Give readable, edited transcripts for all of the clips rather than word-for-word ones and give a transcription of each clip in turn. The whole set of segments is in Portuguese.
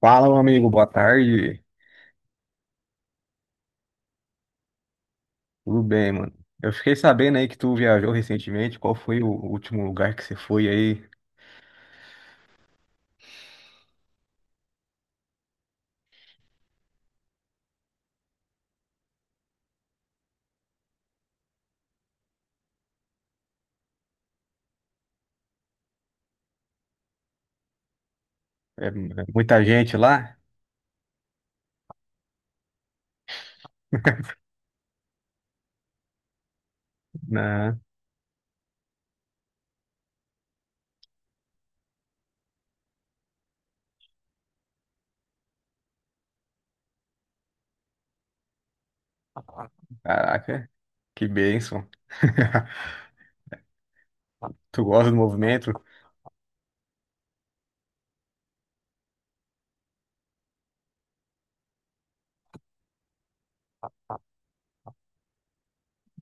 Fala, meu amigo, boa tarde. Tudo bem, mano? Eu fiquei sabendo aí que tu viajou recentemente. Qual foi o último lugar que você foi aí? É muita gente lá? Não. Caraca, que bênção. Tu gosta do movimento?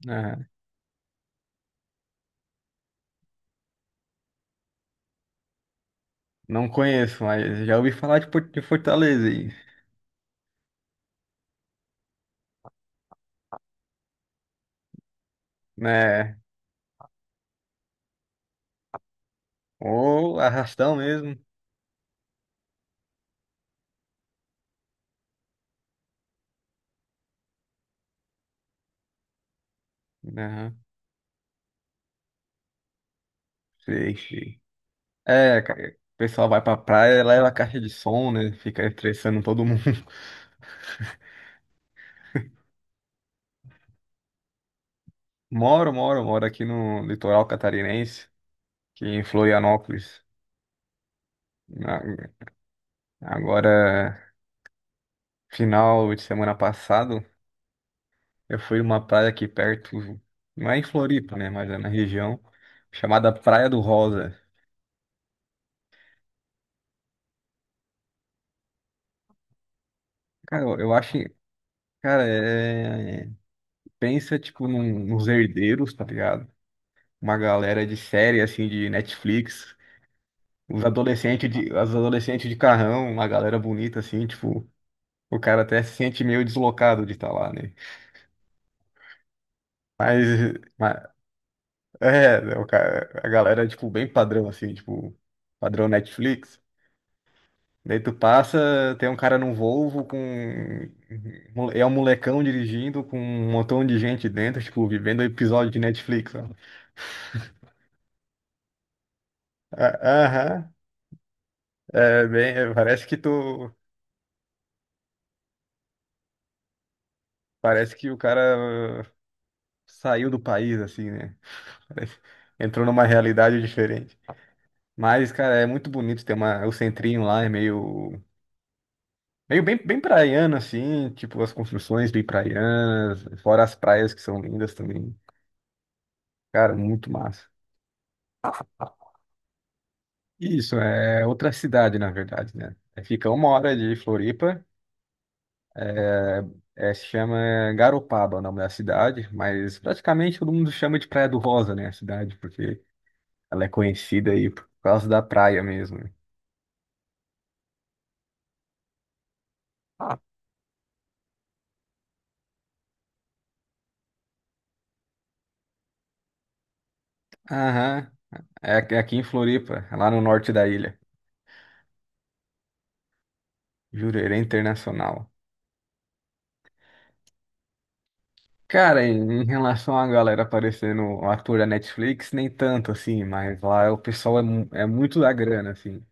Ah. Não conheço, mas já ouvi falar de Fortaleza aí, né? Ou arrastão mesmo. Aham. Sei, sei. É, cara, o pessoal vai pra praia, leva a caixa de som, né? Fica estressando todo mundo. Moro, moro, moro aqui no litoral catarinense, aqui em Florianópolis. Na- Agora, final de semana passado, eu fui numa praia aqui perto, não é em Floripa, né, mas é na região, chamada Praia do Rosa. Cara, eu acho, cara, pensa, tipo, nos herdeiros, tá ligado? Uma galera de série, assim, de Netflix, os adolescentes de, as adolescentes de carrão, uma galera bonita, assim, tipo, o cara até se sente meio deslocado de estar lá, né? Mas, mas o cara, a galera, tipo, bem padrão, assim, tipo, padrão Netflix. Daí tu passa, tem um cara num Volvo com. É um molecão dirigindo com um montão de gente dentro, tipo, vivendo episódio de Netflix, ó. Ah. Aham. É, bem, é, parece que tu. Parece que o cara saiu do país, assim, né? Parece- Entrou numa realidade diferente. Mas, cara, é muito bonito, tem uma, o centrinho lá é meio. Meio bem, bem praiano, assim, tipo, as construções bem praianas, fora as praias que são lindas também. Cara, muito massa. Isso, é outra cidade, na verdade, né? É, fica uma hora de Floripa, é, é, se chama Garopaba, o nome da cidade, mas praticamente todo mundo chama de Praia do Rosa, né, a cidade, porque ela é conhecida aí por causa da praia mesmo, né? Ah. Aham, é aqui em Floripa, é lá no norte da ilha. Jurerê Internacional. Cara, em em relação à galera aparecendo um ator da Netflix, nem tanto assim, mas lá o pessoal é, é muito da grana, assim.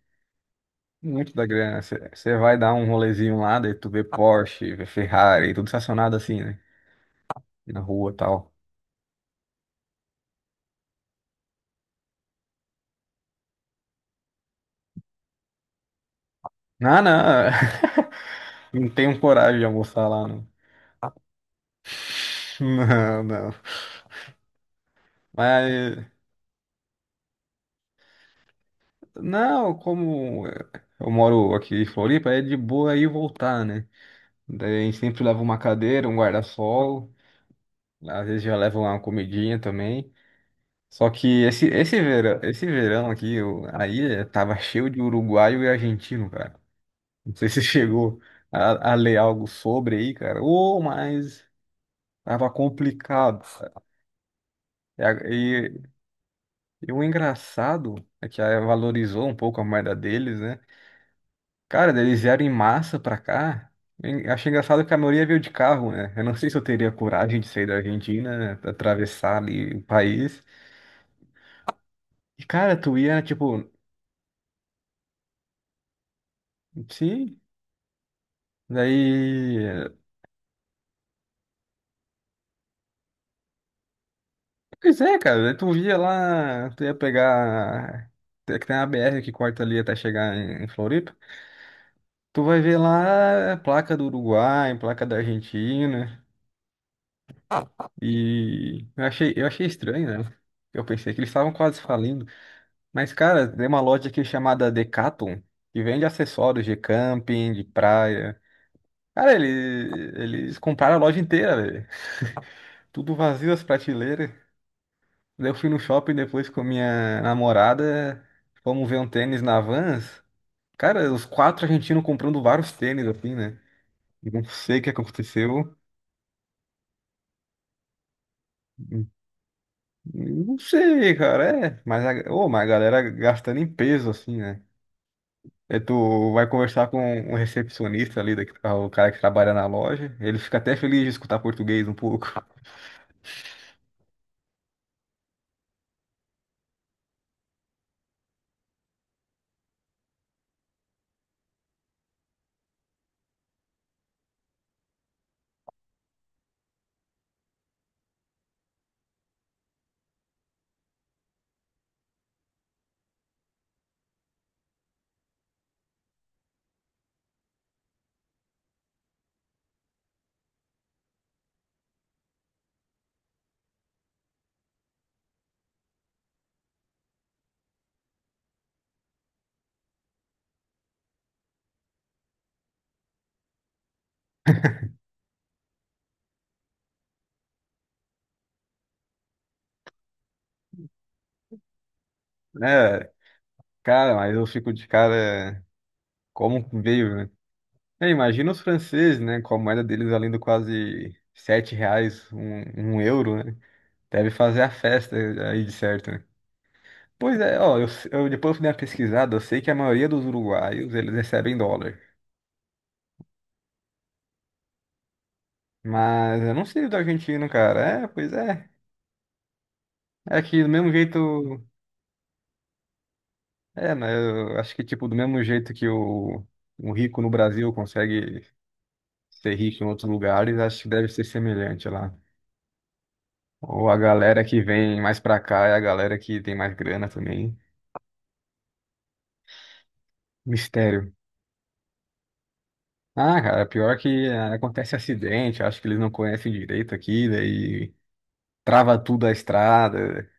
Muito da grana. Você vai dar um rolezinho lá, daí tu vê Porsche, vê Ferrari, tudo estacionado assim, né? Na rua e tal. Não, não. Não tenho coragem de almoçar lá, não. Não, não. Mas, não, como eu moro aqui em Floripa, é de boa ir e voltar, né? Daí a gente sempre leva uma cadeira, um guarda-sol. Às vezes já levam lá uma comidinha também. Só que esse verão aqui, eu, tava cheio de uruguaio e argentino, cara. Não sei se chegou a ler algo sobre aí, cara. Ô, mas tava complicado, cara. E, a- e- e o engraçado é que aí valorizou um pouco a moeda deles, né? Cara, eles vieram em massa pra cá. E achei engraçado que a maioria veio de carro, né? Eu não sei se eu teria coragem de sair da Argentina, né? Pra atravessar ali o país. E, cara, tu ia, tipo, sim, daí. Pois é, cara, daí tu via lá, tu ia pegar. É que tem uma BR que corta ali até chegar em em Floripa. Tu vai ver lá placa do Uruguai, placa da Argentina. E eu achei estranho, né? Eu pensei que eles estavam quase falindo. Mas, cara, tem uma loja aqui chamada Decathlon, que vende acessórios de camping, de praia. Cara, eles compraram a loja inteira, velho. Tudo vazio as prateleiras. Daí eu fui no shopping depois com minha namorada, fomos ver um tênis na Vans. Cara, os quatro argentinos comprando vários tênis, assim, né? Não sei o que aconteceu. Não sei, cara, é. Mas a galera gastando em peso, assim, né? Aí tu vai conversar com um recepcionista ali, daqui, ah, o cara que trabalha na loja. Ele fica até feliz de escutar português um pouco. Né? Cara, mas eu fico de cara como veio, né? É, imagina os franceses, né? Com a moeda deles valendo quase sete reais, um euro, né? Deve fazer a festa aí de certo, né? Pois é, ó, eu depois fui dar uma pesquisada, eu sei que a maioria dos uruguaios, eles recebem dólar. Mas eu não sei do argentino, cara. É, pois é. É que do mesmo jeito... É, né? Eu acho que, tipo, do mesmo jeito que um rico no Brasil consegue ser rico em outros lugares, acho que deve ser semelhante lá. Ou a galera que vem mais pra cá é a galera que tem mais grana também. Mistério. Ah, cara, pior que acontece acidente, acho que eles não conhecem direito aqui, daí trava tudo a estrada.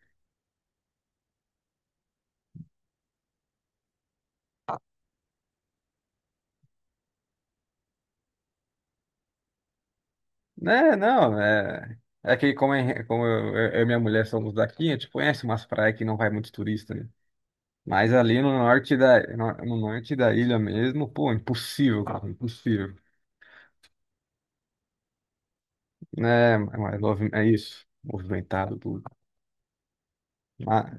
Né, não, é. É que como, é, como eu e minha mulher somos daqui, a gente conhece umas praias que não vai muito turista, né? Mas ali no, no norte da ilha mesmo, pô, impossível, cara, impossível. Né, mas é isso, movimentado tudo. Ah,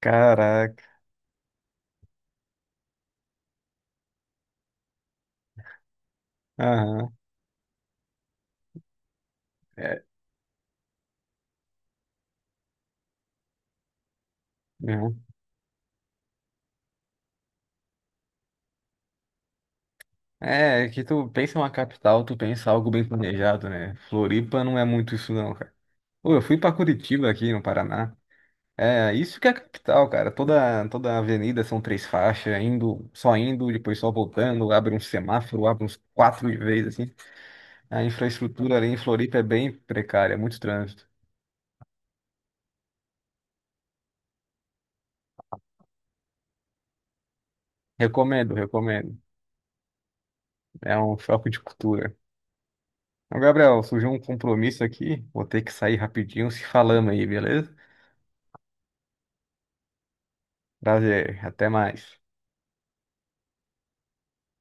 caraca. Aham. É, né? É, que tu pensa em uma capital, tu pensa algo bem planejado, né? Floripa não é muito isso não, cara. Pô, eu fui pra Curitiba aqui no Paraná. É, isso que é a capital, cara. Toda a avenida são três faixas, indo, só indo, depois só voltando, abre um semáforo, abre uns quatro de vez assim. A infraestrutura ali em Floripa é bem precária, é muito trânsito. Recomendo, recomendo. É um choque de cultura. Então, Gabriel, surgiu um compromisso aqui, vou ter que sair rapidinho, se falamos aí, beleza? Prazer, até mais.